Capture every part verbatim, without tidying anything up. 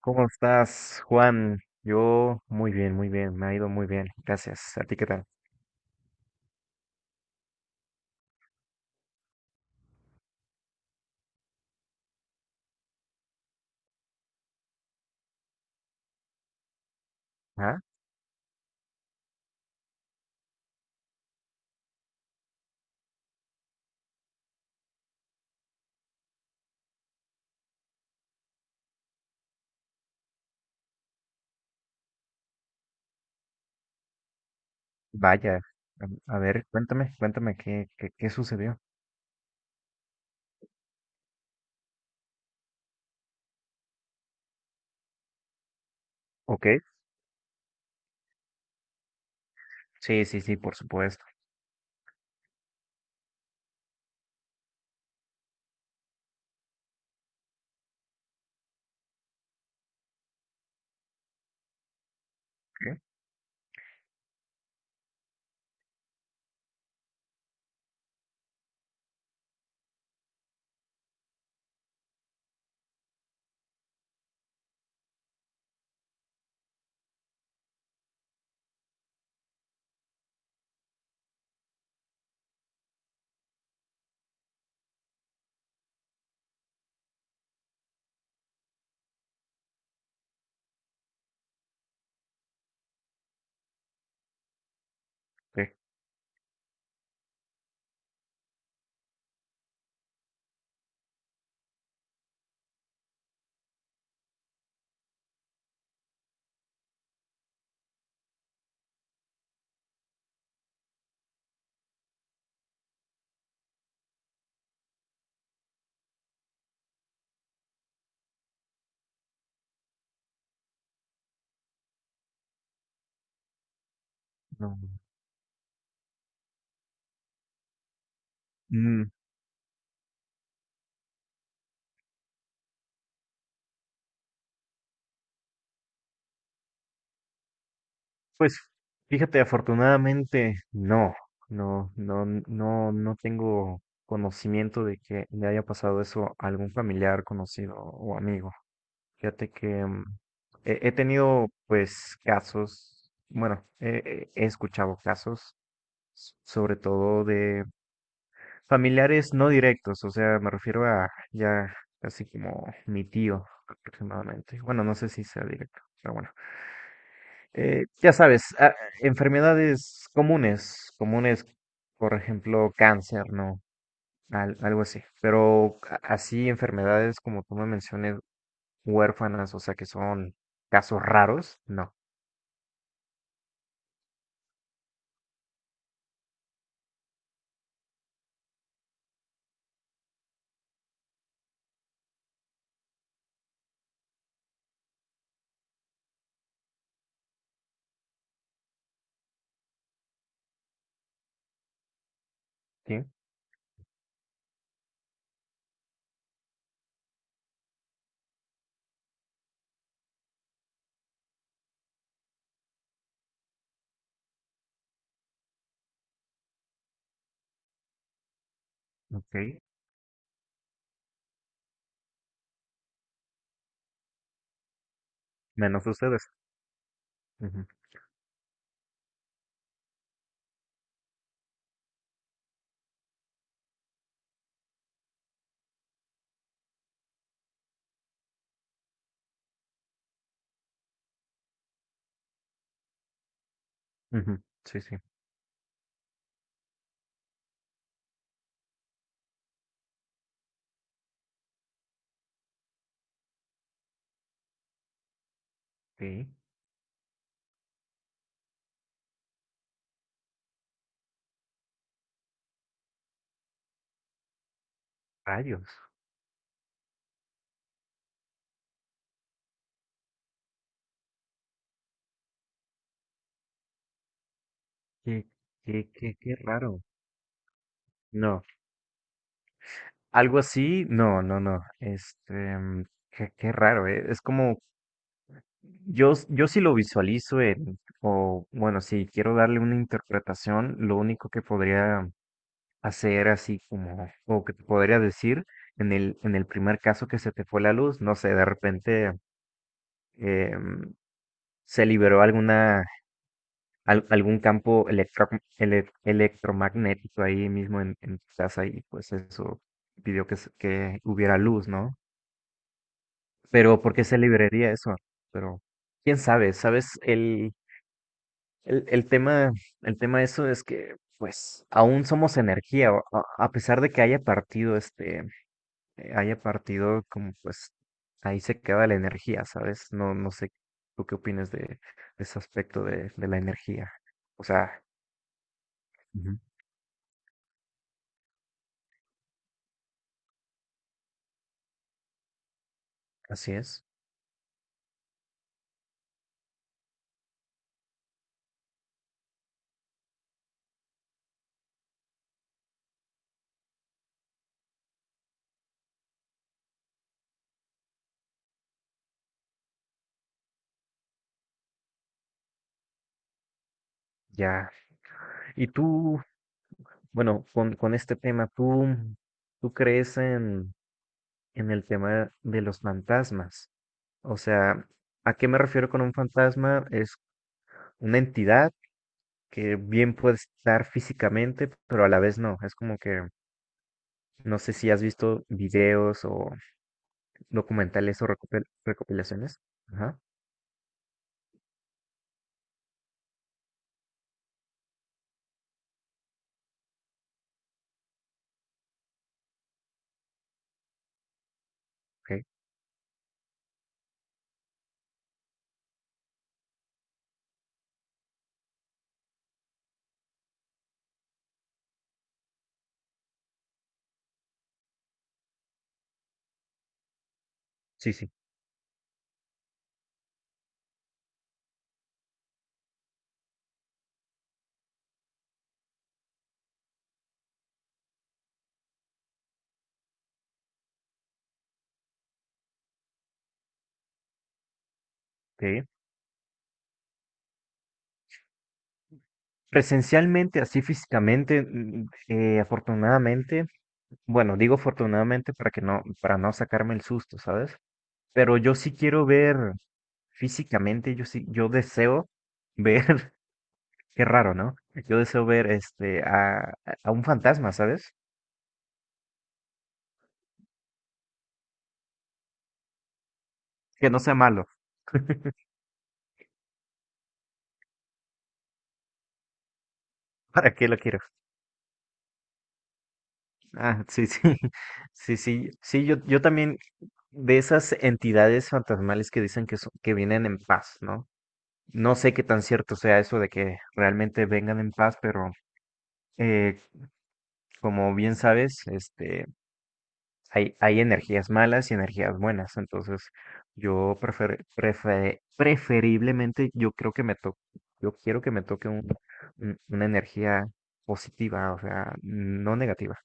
¿Cómo estás, Juan? Yo muy bien, muy bien, me ha ido muy bien, gracias. ¿A ti qué tal? Ah, vaya. A a ver, cuéntame, cuéntame qué, qué, qué sucedió. Ok, sí, sí, sí, por supuesto. ¿Qué? ¿Qué? No. Mm, pues, fíjate, afortunadamente, no, no, no, no, no tengo conocimiento de que le haya pasado eso a algún familiar, conocido o amigo. Fíjate que mm, he, he tenido pues casos, bueno, he, he he escuchado casos, s- sobre todo de familiares no directos, o sea, me refiero a ya casi como mi tío aproximadamente. Bueno, no sé si sea directo, pero bueno. Eh, ya sabes, a- enfermedades comunes, comunes, por ejemplo, cáncer, ¿no? Al- algo así. Pero a- así enfermedades como tú me mencionas huérfanas, o sea que son casos raros, no, sí, ok, menos ustedes. Ujú, ujú, sí, sí, sí, rayos, qué, qué, qué, qué raro. No, algo así, no, no, no, este, mm, qué, qué raro, eh, es como, yo, s- yo sí lo visualizo en, o bueno, si quiero darle una interpretación, lo único que podría hacer así como, o que te podría decir en el, en el primer caso que se te fue la luz, no sé, de repente eh, se liberó alguna, al- algún campo electro- ele- electromagnético ahí mismo en, en tu casa y pues eso pidió que, se- que hubiera luz, ¿no? Pero ¿por qué se liberaría eso? Pero quién sabe, ¿sabes? El, el, el tema, el tema de eso es que pues aún somos energía, o- a, a pesar de que haya partido este eh, haya partido, como pues ahí se queda la energía, ¿sabes? No, no sé, ¿tú qué opinas de, de ese aspecto de, de la energía? O sea, ujú, así es, ya. Y tú, bueno, con, con este tema, ¿tú, tú crees en, en el tema de los fantasmas? O sea, ¿a qué me refiero con un fantasma? Es una entidad que bien puede estar físicamente, pero a la vez no. Es como que, no sé si has visto videos o, documentales o recopil- recopilaciones. Ajá, ok, sí, sí, ok. Presencialmente, así físicamente, mm, eh, afortunadamente, bueno, digo afortunadamente para que no, para no sacarme el susto, ¿sabes? Pero yo sí quiero ver físicamente, yo sí, yo deseo ver, qué raro, ¿no? Yo deseo ver este a, a un fantasma, ¿sabes? Que no sea malo, ¿para qué lo quiero? Ah, sí, sí, sí, sí, sí, yo, yo también de esas entidades fantasmales que dicen que, son- que vienen en paz, ¿no? No sé qué tan cierto sea eso de que realmente vengan en paz, pero eh, como bien sabes, este, hay, hay energías malas y energías buenas, entonces yo prefer, prefe- preferiblemente yo creo que me toque, yo quiero que me toque un- un- una energía positiva, o sea, no negativa.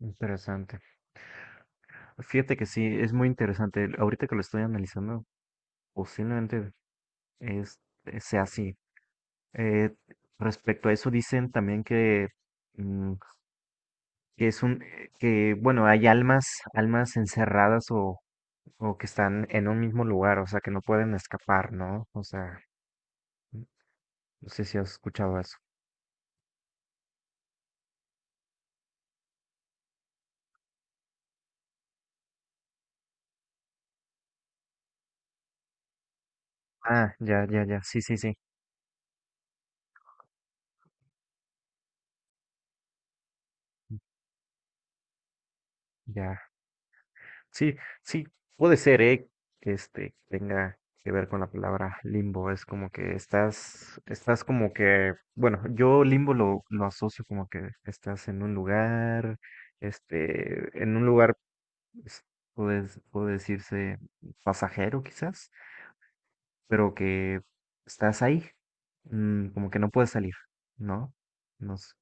Interesante. Fíjate que sí, es muy interesante. Ahorita que lo estoy analizando, posiblemente es, eh, sea así. Eh, Respecto a eso, dicen también que, mm, que es un, eh, que bueno, hay almas, almas encerradas o, o que están en un mismo lugar, o sea, que no pueden escapar, ¿no? O sea, no sé si has escuchado eso. Ah, ya, ya, ya, sí, sí, sí, ya. Sí, sí, puede ser, ¿eh? Que este, que tenga que ver con la palabra limbo. Es como que estás, estás como que, bueno, yo limbo lo, lo asocio como que estás en un lugar, este, en un lugar, pues, puede, puede decirse pasajero quizás, pero que estás ahí, mm, como que no puedes salir, ¿no? No, s-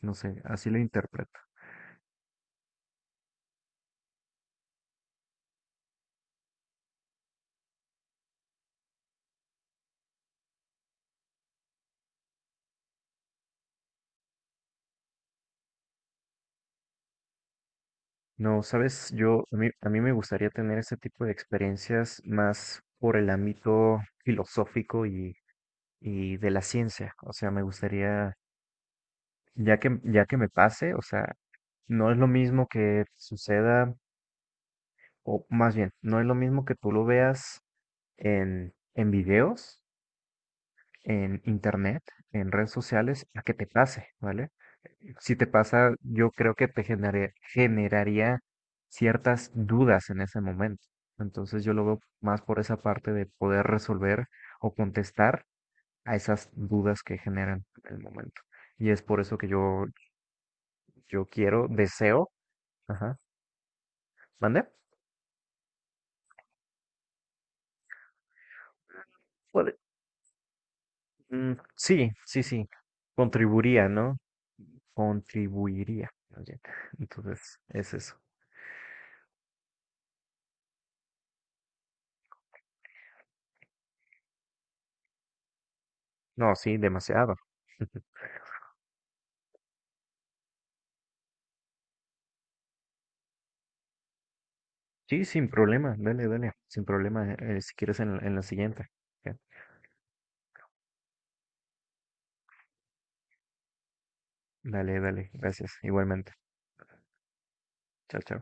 no sé, así lo interpreto. No, sabes, yo a mí, a mí me gustaría tener ese tipo de experiencias más por el ámbito filosófico y, y de la ciencia. O sea, me gustaría, ya que, ya que me pase, o sea, no es lo mismo que suceda, o más bien, no es lo mismo que tú lo veas en, en videos en internet, en redes sociales, a que te pase, ¿vale? Si te pasa, yo creo que te genere- generaría ciertas dudas en ese momento. Entonces yo lo veo más por esa parte de poder resolver o contestar a esas dudas que generan en el momento. Y es por eso que yo, yo quiero, deseo, ajá, ¿mande? Puede- mm, sí, sí, sí, contribuiría, ¿no? Contribuiría más bien. Entonces, es eso. No, sí, demasiado. Sí, sin problema, dale, dale, sin problema, eh, eh, si quieres en, la- en la siguiente. Ya, dale, dale, gracias, igualmente. Chao, chao.